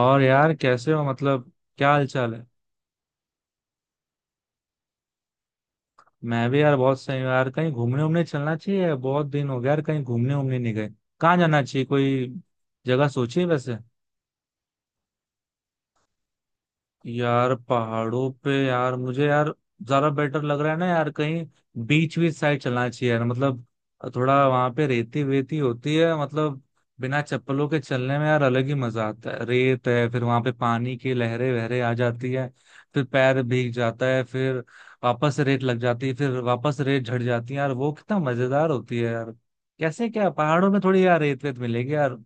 और यार कैसे हो मतलब क्या हाल चाल है। मैं भी यार बहुत सही हूँ यार। कहीं घूमने उमने चलना चाहिए, बहुत दिन हो गया यार कहीं घूमने उमने नहीं गए। कहाँ जाना चाहिए, कोई जगह सोची है वैसे? यार पहाड़ों पे यार मुझे यार ज्यादा बेटर लग रहा है ना यार। कहीं बीच बीच साइड चलना चाहिए यार मतलब। थोड़ा वहां पे रेती वेती होती है मतलब, बिना चप्पलों के चलने में यार अलग ही मजा आता है। रेत है फिर वहां पे पानी की लहरें वहरे आ जाती है, फिर पैर भीग जाता है, फिर वापस रेत लग जाती है, फिर वापस रेत झड़ जाती है यार। वो कितना मजेदार होती है यार। कैसे क्या पहाड़ों में थोड़ी यार रेत वेत मिलेगी यार।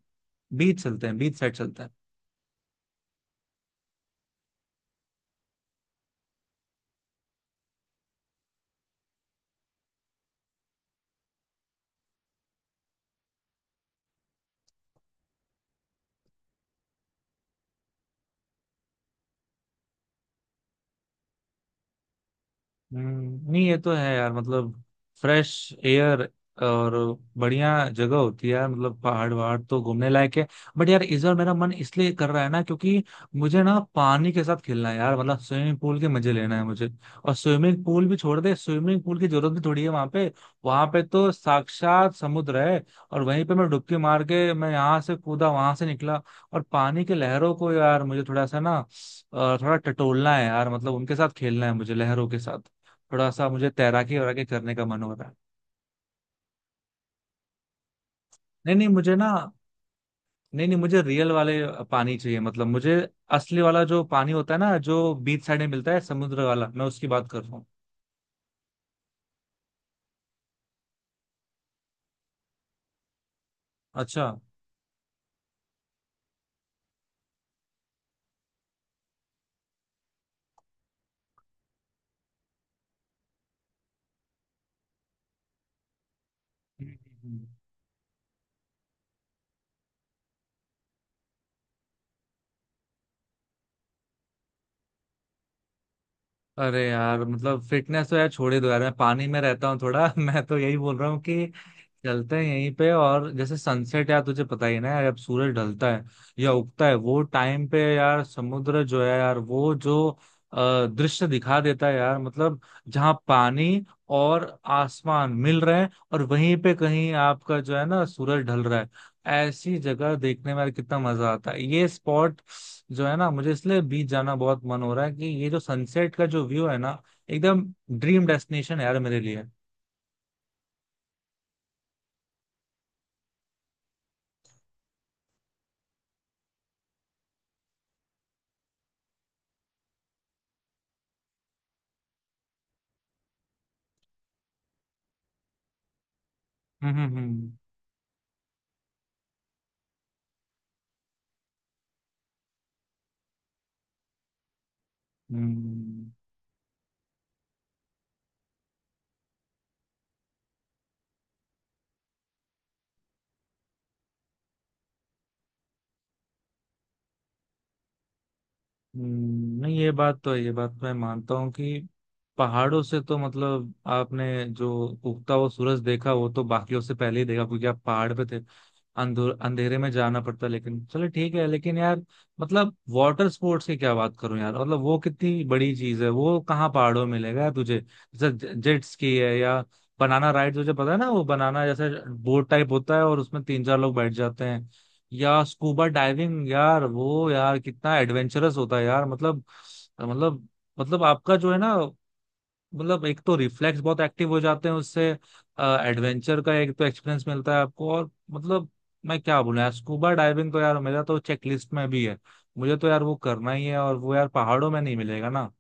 बीच चलते हैं, बीच साइड चलते हैं। नहीं ये तो है यार मतलब फ्रेश एयर और बढ़िया जगह होती है यार। मतलब पहाड़ वहाड़ तो घूमने लायक है। बट यार इस बार मेरा मन इसलिए कर रहा है ना क्योंकि मुझे ना पानी के साथ खेलना है यार। मतलब स्विमिंग पूल के मजे लेना है मुझे। और स्विमिंग पूल भी छोड़ दे, स्विमिंग पूल की जरूरत भी थोड़ी है वहां पे। वहां पे तो साक्षात समुद्र है। और वहीं पे मैं डुबकी मार के मैं यहाँ से कूदा वहां से निकला। और पानी के लहरों को यार मुझे थोड़ा सा ना थोड़ा टटोलना है यार। मतलब उनके साथ खेलना है मुझे लहरों के साथ। थोड़ा सा मुझे तैराकी वैराकी करने का मन हो रहा है। नहीं नहीं मुझे ना, नहीं नहीं मुझे रियल वाले पानी चाहिए। मतलब मुझे असली वाला जो पानी होता है ना, जो बीच साइड में मिलता है, समुद्र वाला, मैं उसकी बात कर रहा हूँ। अच्छा। हम्म, हम्म। अरे यार मतलब फिटनेस तो यार छोड़ ही दो यार, मैं पानी में रहता हूँ थोड़ा मैं तो यही बोल रहा हूँ कि चलते हैं यहीं पे। और जैसे सनसेट यार तुझे पता ही है ना यार, अब सूरज ढलता है या उगता है वो टाइम पे यार समुद्र जो है यार वो जो दृश्य दिखा देता है यार। मतलब जहाँ पानी और आसमान मिल रहे हैं, और वहीं पे कहीं आपका जो है ना सूरज ढल रहा है। ऐसी जगह देखने में यार कितना मजा आता है। ये स्पॉट जो है ना, मुझे इसलिए बीच जाना बहुत मन हो रहा है कि ये जो सनसेट का जो व्यू है ना, एकदम ड्रीम डेस्टिनेशन है यार मेरे लिए। हम्म। हम्म। नहीं ये बात तो है, ये बात मैं मानता हूँ कि पहाड़ों से तो मतलब आपने जो उगता हुआ सूरज देखा वो तो बाकियों से पहले ही देखा क्योंकि आप पहाड़ पे थे। अंधेरे में जाना पड़ता लेकिन चलो ठीक है। लेकिन यार मतलब वाटर स्पोर्ट्स की क्या बात करूं यार, मतलब वो कितनी बड़ी चीज है, वो कहाँ पहाड़ों में मिलेगा यार तुझे। जैसे जेट स्की है या बनाना राइड, तुझे पता है ना वो बनाना जैसे बोट टाइप होता है और उसमें तीन चार लोग बैठ जाते हैं। या स्कूबा डाइविंग यार, वो यार कितना एडवेंचरस होता है यार। मतलब मतलब आपका जो है ना, मतलब एक तो रिफ्लेक्स बहुत एक्टिव हो जाते हैं उससे। एडवेंचर का एक तो एक्सपीरियंस मिलता है आपको। और मतलब मैं क्या बोलूं यार, स्कूबा डाइविंग तो यार मेरा तो चेकलिस्ट में भी है। मुझे तो यार वो करना ही है, और वो यार पहाड़ों में नहीं मिलेगा ना।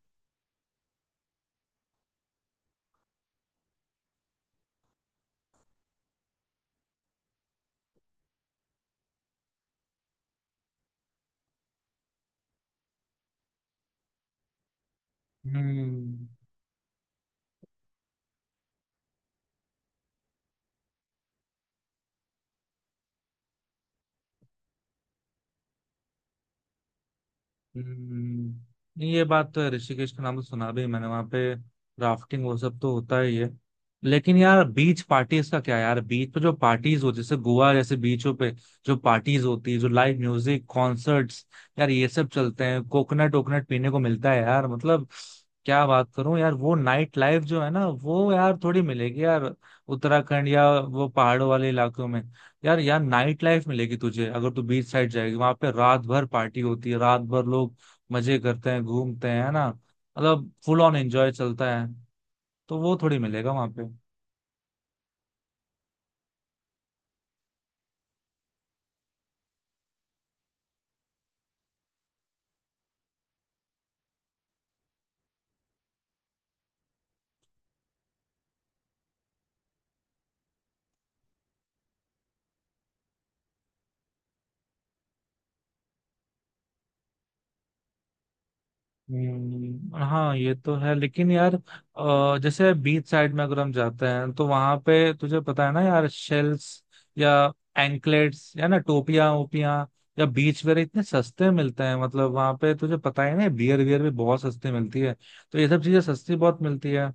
हम्म। हम्म, नहीं, ये बात तो है। ऋषिकेश का नाम तो सुना भी है मैंने, वहां पे राफ्टिंग वो सब तो होता ही है। लेकिन यार बीच पार्टीज का क्या यार, बीच पे जो पार्टीज होती है जैसे गोवा जैसे बीचों पे, जो पार्टीज होती है, जो लाइव म्यूजिक कॉन्सर्ट्स यार, ये सब चलते हैं। कोकोनट वोकोनट पीने को मिलता है यार, मतलब क्या बात करूं यार। वो नाइट लाइफ जो है ना, वो यार थोड़ी मिलेगी यार उत्तराखंड या वो पहाड़ों वाले इलाकों में। यार यहाँ नाइट लाइफ मिलेगी तुझे अगर तू बीच साइड जाएगी, वहां पे रात भर पार्टी होती है, रात भर लोग मजे करते हैं घूमते हैं, है ना, मतलब फुल ऑन एंजॉय चलता है। तो वो थोड़ी मिलेगा वहां पे। हाँ ये तो है। लेकिन यार जैसे बीच साइड में अगर हम जाते हैं तो वहां पे तुझे पता है ना यार शेल्स या एंकलेट्स या ना टोपियां ओपियां या बीच वेयर इतने सस्ते मिलते हैं। मतलब वहां पे तुझे पता है ना बियर वियर भी बहुत सस्ते मिलती है। तो ये सब चीजें सस्ती बहुत मिलती है।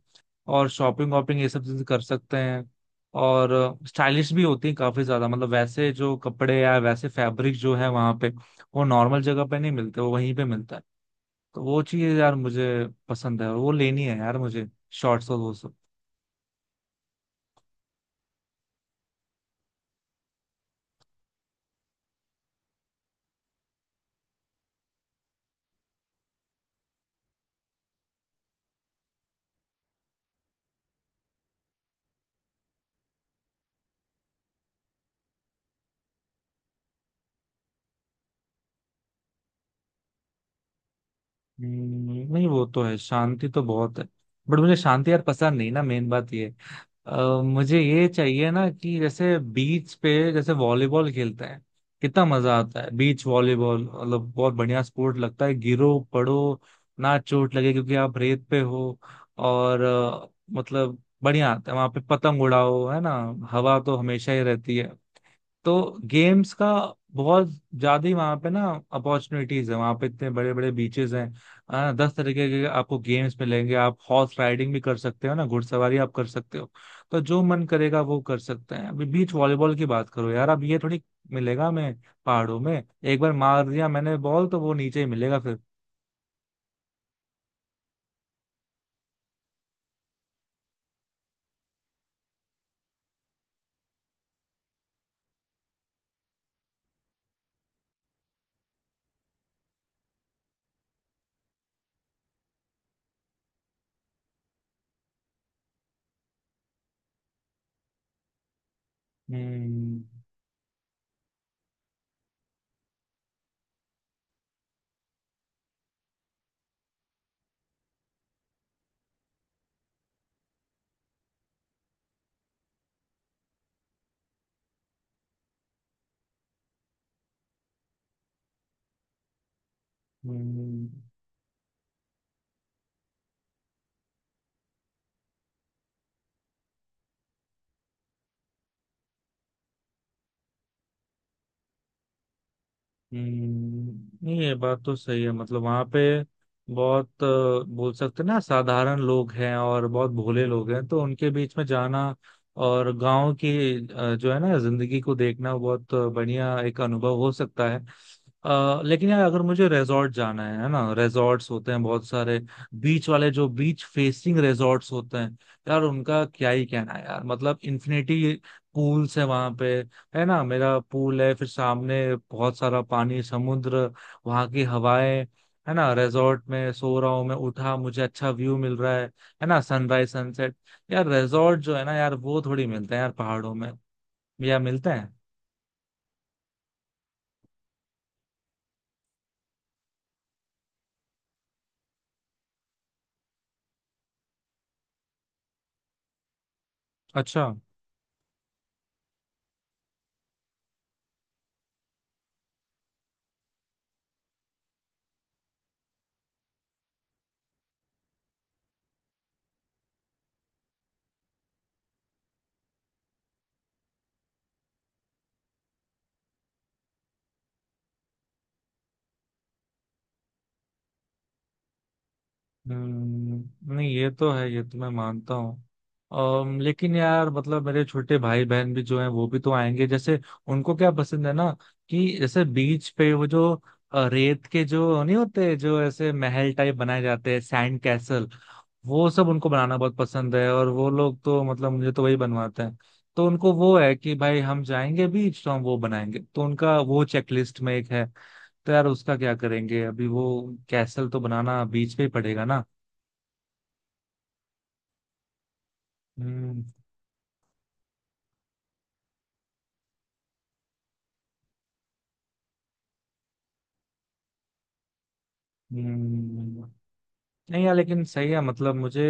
और शॉपिंग वॉपिंग ये सब चीजें कर सकते हैं। और स्टाइलिश भी होती है काफी ज्यादा। मतलब वैसे जो कपड़े या वैसे फैब्रिक जो है वहां पे, वो नॉर्मल जगह पे नहीं मिलते, वो वहीं पे मिलता है। तो वो चीज यार मुझे पसंद है और वो लेनी है यार मुझे, शॉर्ट्स और वो सब। नहीं वो तो है, शांति तो बहुत है, बट मुझे शांति यार पसंद नहीं ना, मेन बात ये। मुझे ये चाहिए ना कि जैसे बीच पे जैसे वॉलीबॉल खेलते हैं, कितना मजा आता है। बीच वॉलीबॉल मतलब बहुत बढ़िया स्पोर्ट लगता है। गिरो पड़ो, ना चोट लगे क्योंकि आप रेत पे हो। और मतलब बढ़िया आता है वहां पे। पतंग उड़ाओ, है ना, हवा तो हमेशा ही रहती है। तो गेम्स का बहुत ज्यादा ही वहां पे ना अपॉर्चुनिटीज है। वहां पे इतने बड़े बड़े बीचेस हैं। दस तरीके के आपको गेम्स मिलेंगे। आप हॉर्स राइडिंग भी कर सकते हो ना, घुड़सवारी आप कर सकते हो। तो जो मन करेगा वो कर सकते हैं। अभी बीच वॉलीबॉल की बात करो यार, अब ये थोड़ी मिलेगा मैं पहाड़ों में? एक बार मार दिया मैंने बॉल तो वो नीचे ही मिलेगा फिर। हम्म हम्म। नहीं ये बात तो सही है। मतलब वहां पे बहुत बोल सकते हैं ना साधारण लोग हैं और बहुत भोले लोग हैं, तो उनके बीच में जाना और गांव की जो है ना जिंदगी को देखना बहुत बढ़िया एक अनुभव हो सकता है। लेकिन यार अगर मुझे रिजॉर्ट जाना है ना, रिजॉर्ट्स होते हैं बहुत सारे बीच वाले, जो बीच फेसिंग रिजॉर्ट्स होते हैं यार, उनका क्या ही कहना है यार। मतलब इन्फिनिटी पूल्स है वहां पे, है ना, मेरा पूल है फिर सामने बहुत सारा पानी, समुद्र, वहां की हवाएं, है ना रिजॉर्ट में सो रहा हूँ मैं, उठा मुझे अच्छा व्यू मिल रहा है ना सनराइज सनसेट। यार रिजॉर्ट जो है ना यार वो थोड़ी मिलते हैं यार पहाड़ों में, या मिलते हैं? अच्छा। नहीं ये तो है, ये तो मैं मानता हूँ। लेकिन यार मतलब मेरे छोटे भाई बहन भी जो हैं वो भी तो आएंगे जैसे, उनको क्या पसंद है ना, कि जैसे बीच पे वो जो रेत के जो नहीं होते, जो ऐसे महल टाइप बनाए जाते हैं, सैंड कैसल, वो सब उनको बनाना बहुत पसंद है। और वो लोग तो मतलब मुझे तो वही बनवाते हैं। तो उनको वो है कि भाई हम जाएंगे बीच तो हम वो बनाएंगे, तो उनका वो चेकलिस्ट में एक है। तो यार उसका क्या करेंगे अभी वो, कैसल तो बनाना बीच पे ही पड़ेगा ना। हम्म। हम्म। नहीं यार लेकिन सही है। मतलब मुझे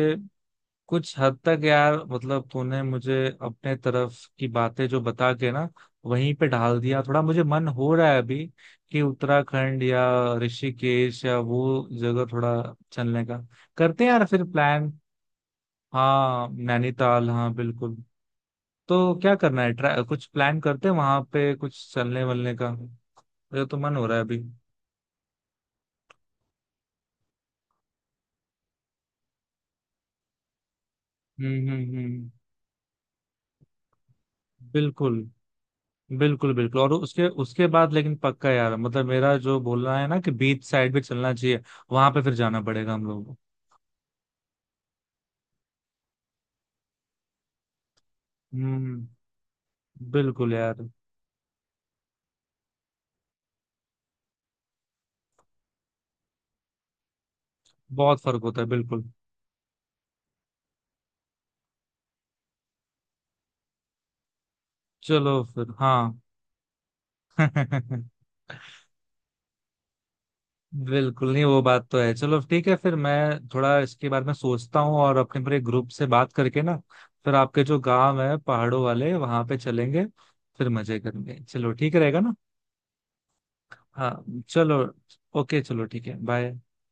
कुछ हद तक यार मतलब तूने मुझे अपने तरफ की बातें जो बता के ना वहीं पे ढाल दिया थोड़ा, मुझे मन हो रहा है अभी कि उत्तराखंड या ऋषिकेश या वो जगह थोड़ा चलने का करते हैं यार फिर प्लान। हाँ नैनीताल हाँ बिल्कुल। तो क्या करना है, ट्रा कुछ प्लान करते हैं वहां पे, कुछ चलने वलने का मुझे तो मन हो रहा है अभी। हम्म। बिल्कुल बिल्कुल बिल्कुल। और उसके उसके बाद लेकिन पक्का यार मतलब मेरा जो बोलना है ना कि बीच साइड भी चलना चाहिए, वहां पे फिर जाना पड़ेगा हम लोगों को। हम्म। बिल्कुल यार। बहुत फर्क होता है बिल्कुल। चलो फिर हाँ। बिल्कुल। नहीं वो बात तो है। चलो ठीक है फिर, मैं थोड़ा इसके बारे में सोचता हूँ और अपने पूरे ग्रुप से बात करके ना फिर आपके जो गांव है पहाड़ों वाले वहां पे चलेंगे, फिर मजे करेंगे। चलो ठीक रहेगा ना। हाँ चलो। ओके चलो ठीक है बाय।